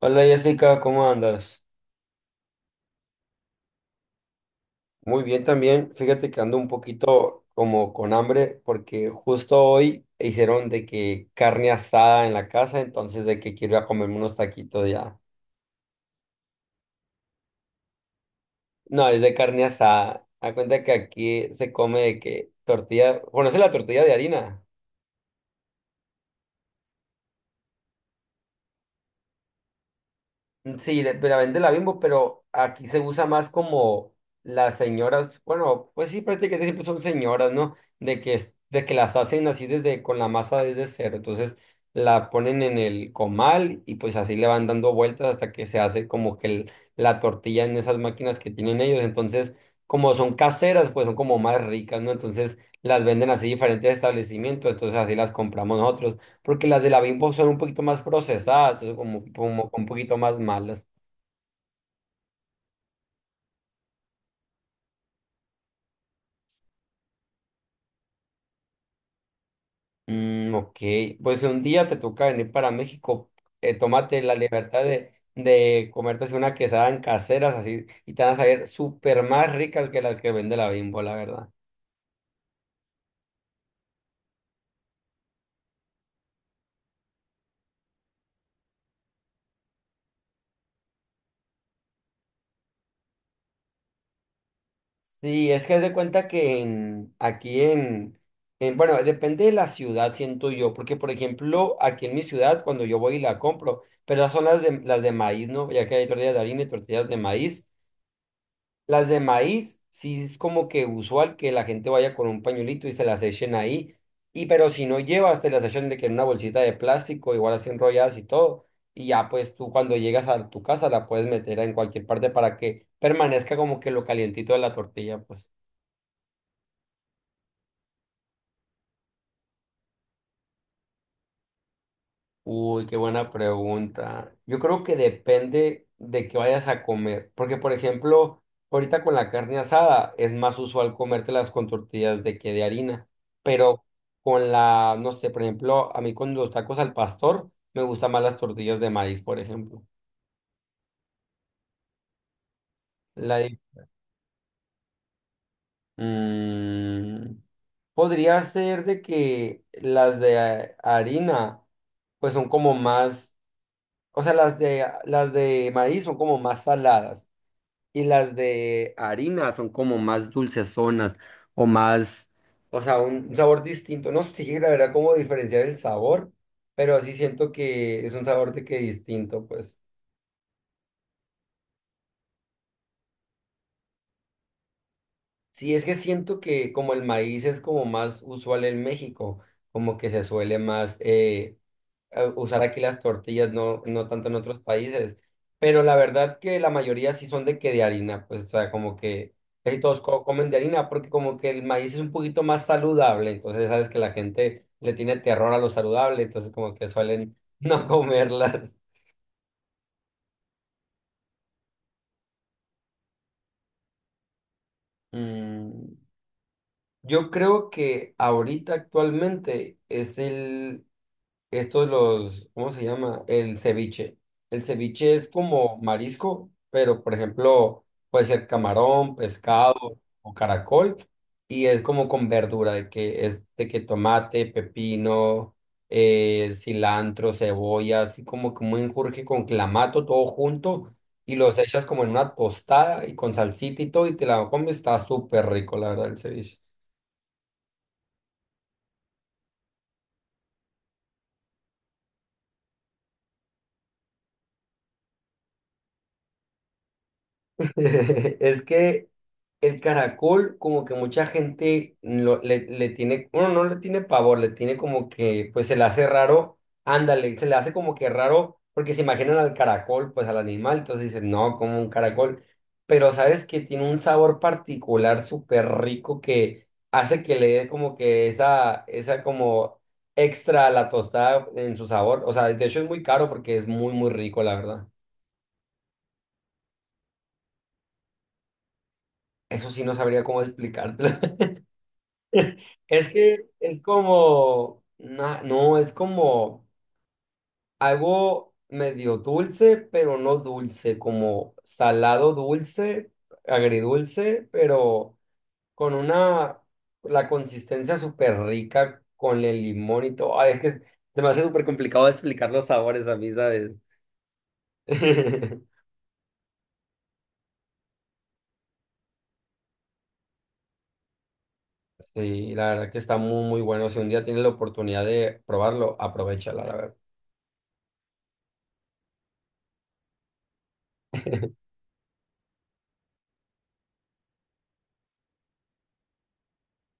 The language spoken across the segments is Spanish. Hola Jessica, ¿cómo andas? Muy bien también. Fíjate que ando un poquito como con hambre porque justo hoy hicieron de que carne asada en la casa, entonces de que quiero ir a comerme unos taquitos ya. No, es de carne asada. A cuenta que aquí se come de que tortilla, ¿conoces la tortilla de harina? Mm, sí, la vende la Bimbo, pero aquí se usa más como las señoras, bueno, pues sí, prácticamente siempre son señoras, ¿no? De que, de que las hacen así desde, con la masa desde cero. Entonces la ponen en el comal y pues así le van dando vueltas hasta que se hace como que la tortilla en esas máquinas que tienen ellos. Entonces, como son caseras, pues son como más ricas, ¿no? Entonces las venden así diferentes establecimientos, entonces así las compramos nosotros porque las de la Bimbo son un poquito más procesadas, entonces como un poquito más malas. Mm, ok, pues un día te toca venir para México, tómate la libertad de comerte así una quesada en caseras así y te van a salir súper más ricas que las que vende la Bimbo, la verdad. Sí, es que haz de cuenta que aquí en, bueno, depende de la ciudad, siento yo, porque por ejemplo, aquí en mi ciudad, cuando yo voy y la compro, pero las son las de maíz, ¿no? Ya que hay tortillas de harina y tortillas de maíz. Las de maíz, sí es como que usual que la gente vaya con un pañuelito y se las echen ahí. Y pero si no llevas, te las echan de que en una bolsita de plástico, igual así enrolladas y todo. Y ya pues tú cuando llegas a tu casa la puedes meter en cualquier parte para que permanezca como que lo calientito de la tortilla, pues. Uy, qué buena pregunta. Yo creo que depende de que vayas a comer, porque por ejemplo, ahorita con la carne asada es más usual comértelas con tortillas de que de harina, pero con la, no sé, por ejemplo, a mí con los tacos al pastor me gustan más las tortillas de maíz, por ejemplo. La de- Mm, Podría ser de que las de harina, pues son como más, o sea, las de maíz son como más saladas. Y las de harina son como más dulcezonas o más, o sea, un sabor distinto. No sé, la verdad, cómo diferenciar el sabor, pero sí siento que es un sabor de que distinto, pues. Sí, es que siento que como el maíz es como más usual en México, como que se suele más usar aquí las tortillas, no, no tanto en otros países. Pero la verdad que la mayoría sí son de que de harina, pues, o sea, como que casi todos comen de harina, porque como que el maíz es un poquito más saludable, entonces sabes que la gente le tiene terror a lo saludable, entonces como que suelen no comerlas. Mm, yo creo que ahorita actualmente es el, Estos los, ¿cómo se llama? El ceviche. El ceviche es como marisco, pero por ejemplo, puede ser camarón, pescado o caracol, y es como con verdura, de que es de que tomate, pepino, cilantro, cebolla, así como un enjurje con clamato, todo junto, y los echas como en una tostada y con salsita y todo, y te la comes, está súper rico, la verdad, el ceviche. Es que el caracol, como que mucha gente le tiene, bueno, no le tiene pavor, le tiene como que, pues se le hace raro, ándale, se le hace como que raro, porque se imaginan al caracol, pues al animal, entonces dicen, no, como un caracol, pero sabes que tiene un sabor particular súper rico que hace que le dé como que esa como extra a la tostada en su sabor, o sea, de hecho es muy caro porque es muy, muy rico, la verdad. Eso sí no sabría cómo explicártelo. Es que es como, no, es como algo medio dulce, pero no dulce, como salado dulce, agridulce, pero con una, la consistencia súper rica con el limón y todo. Ay, es que se me hace súper complicado explicar los sabores a mí, ¿sabes? Sí, la verdad que está muy, muy bueno. Si un día tienes la oportunidad de probarlo, aprovechala, la verdad.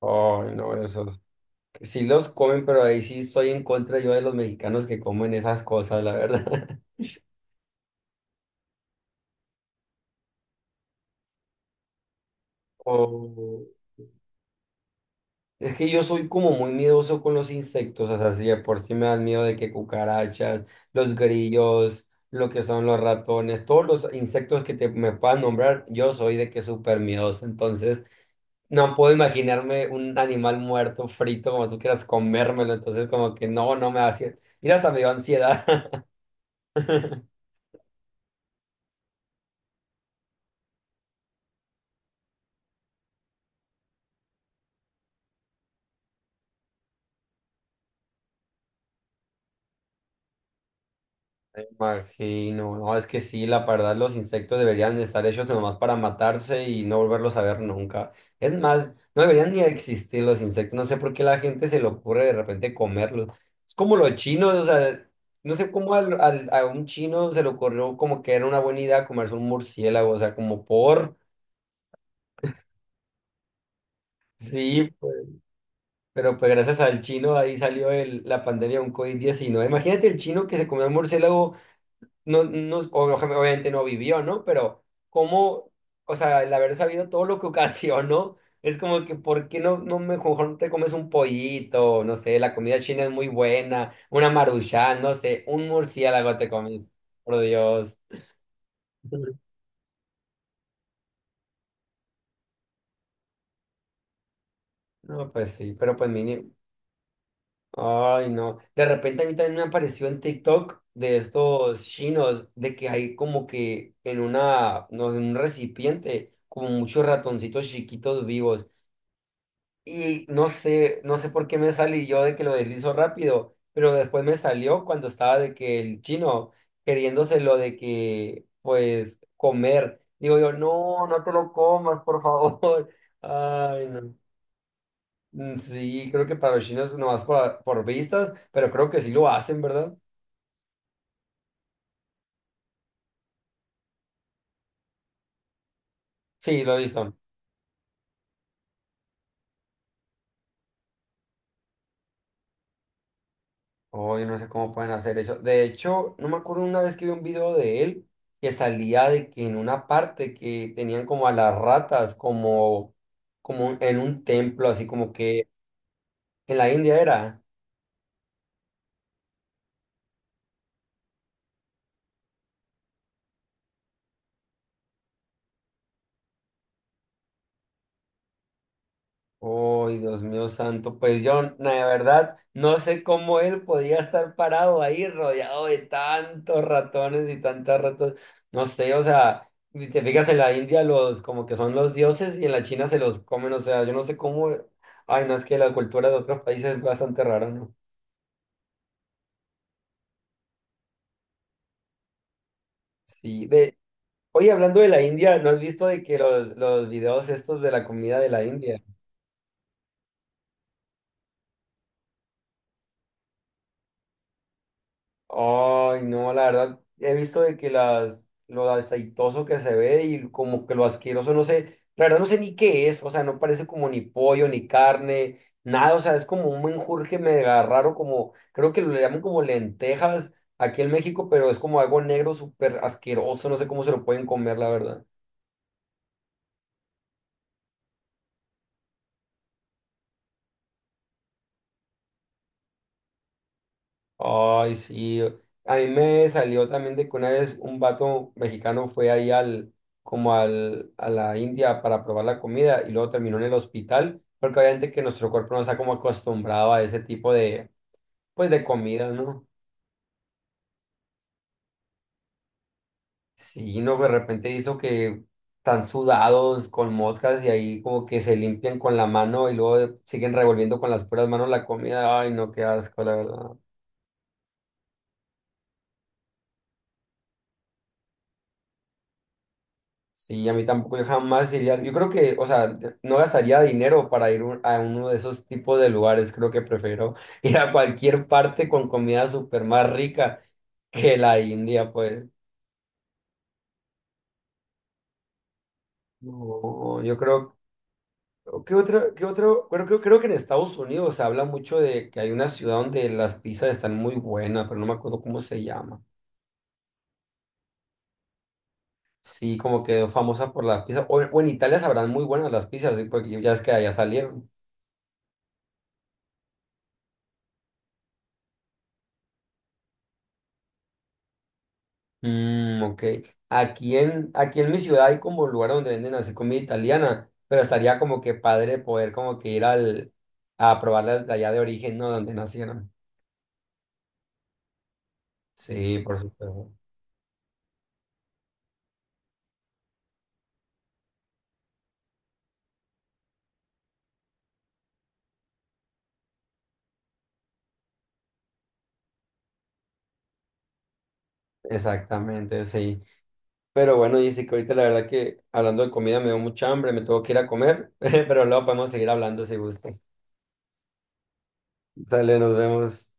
Ay, no, eso sí los comen, pero ahí sí estoy en contra yo de los mexicanos que comen esas cosas, la verdad. O, Es que yo soy como muy miedoso con los insectos, o sea, si de por sí me dan miedo de que cucarachas, los grillos, lo que son los ratones, todos los insectos que te, me puedan nombrar, yo soy de que súper miedoso, entonces no puedo imaginarme un animal muerto, frito, como tú quieras comérmelo, entonces como que no, no me hace, mira, hasta me dio ansiedad. Imagino, no, es que sí, la verdad los insectos deberían de estar hechos nomás para matarse y no volverlos a ver nunca. Es más, no deberían ni existir los insectos, no sé por qué la gente se le ocurre de repente comerlos. Es como los chinos, o sea, no sé cómo a un chino se le ocurrió como que era una buena idea comerse un murciélago, o sea, como por, sí, pues, pero pues gracias al chino ahí salió la pandemia de un COVID-19. Imagínate el chino que se comió el murciélago. No, no, obviamente no vivió, ¿no? Pero cómo, o sea, el haber sabido todo lo que ocasionó, es como que, ¿por qué no, mejor no te comes un pollito? No sé, la comida china es muy buena, una maruchan, no sé, un murciélago te comes, por Dios. Ujú. No, pues sí, pero pues mínimo. Ay, no. De repente a mí también me apareció en TikTok de estos chinos, de que hay como que en una, no sé, en un recipiente, como muchos ratoncitos chiquitos vivos. Y no sé, no sé por qué me salí yo de que lo deslizo rápido, pero después me salió cuando estaba de que el chino queriéndose lo de que, pues, comer. Digo yo, no, no te lo comas, por favor. Ay, no. Mm, sí, creo que para los chinos nomás por vistas, pero creo que sí lo hacen, ¿verdad? Sí, lo he visto. Hoy no sé cómo pueden hacer eso. De hecho, no me acuerdo una vez que vi un video de él que salía de que en una parte que tenían como a las ratas como, como en un templo, así como que en la India era. Uy, Dios mío santo, pues yo, la verdad, no sé cómo él podía estar parado ahí rodeado de tantos ratones y tantas ratas, no sé, o sea, si te fijas en la India los como que son los dioses y en la China se los comen, o sea, yo no sé cómo, ay, no, es que la cultura de otros países es bastante rara, ¿no? Sí, oye, hablando de la India, ¿no has visto de que los videos estos de la comida de la India? Ay, no, la verdad, he visto de que lo aceitoso que se ve y como que lo asqueroso, no sé, la verdad no sé ni qué es, o sea, no parece como ni pollo, ni carne, nada, o sea, es como un menjurje mega raro, como, creo que lo llaman como lentejas aquí en México, pero es como algo negro súper asqueroso, no sé cómo se lo pueden comer, la verdad. Ay, sí. A mí me salió también de que una vez un vato mexicano fue ahí como a la India para probar la comida y luego terminó en el hospital, porque obviamente que nuestro cuerpo no está como acostumbrado a ese tipo de, pues, de comida, ¿no? Sí, no, de repente hizo que están sudados con moscas y ahí como que se limpian con la mano y luego siguen revolviendo con las puras manos la comida. Ay, no, qué asco, la verdad. Sí, a mí tampoco, yo jamás iría. Yo creo que, o sea, no gastaría dinero para ir a uno de esos tipos de lugares. Creo que prefiero ir a cualquier parte con comida súper más rica que la India, pues. No, yo creo, ¿qué otro, qué otro? Creo que en Estados Unidos se habla mucho de que hay una ciudad donde las pizzas están muy buenas, pero no me acuerdo cómo se llama. Sí, como que famosa por las pizzas. O en Italia sabrán muy buenas las pizzas, sí, porque ya es que allá salieron. Mm, ok. Aquí en, aquí en mi ciudad hay como lugar donde venden así comida italiana, pero estaría como que padre poder como que ir a probarlas de allá de origen, ¿no? Donde nacieron. Sí, por supuesto. Exactamente, sí. Pero bueno, dice que ahorita la verdad que hablando de comida me dio mucha hambre, me tengo que ir a comer, pero luego podemos seguir hablando si gustas. Dale, nos vemos.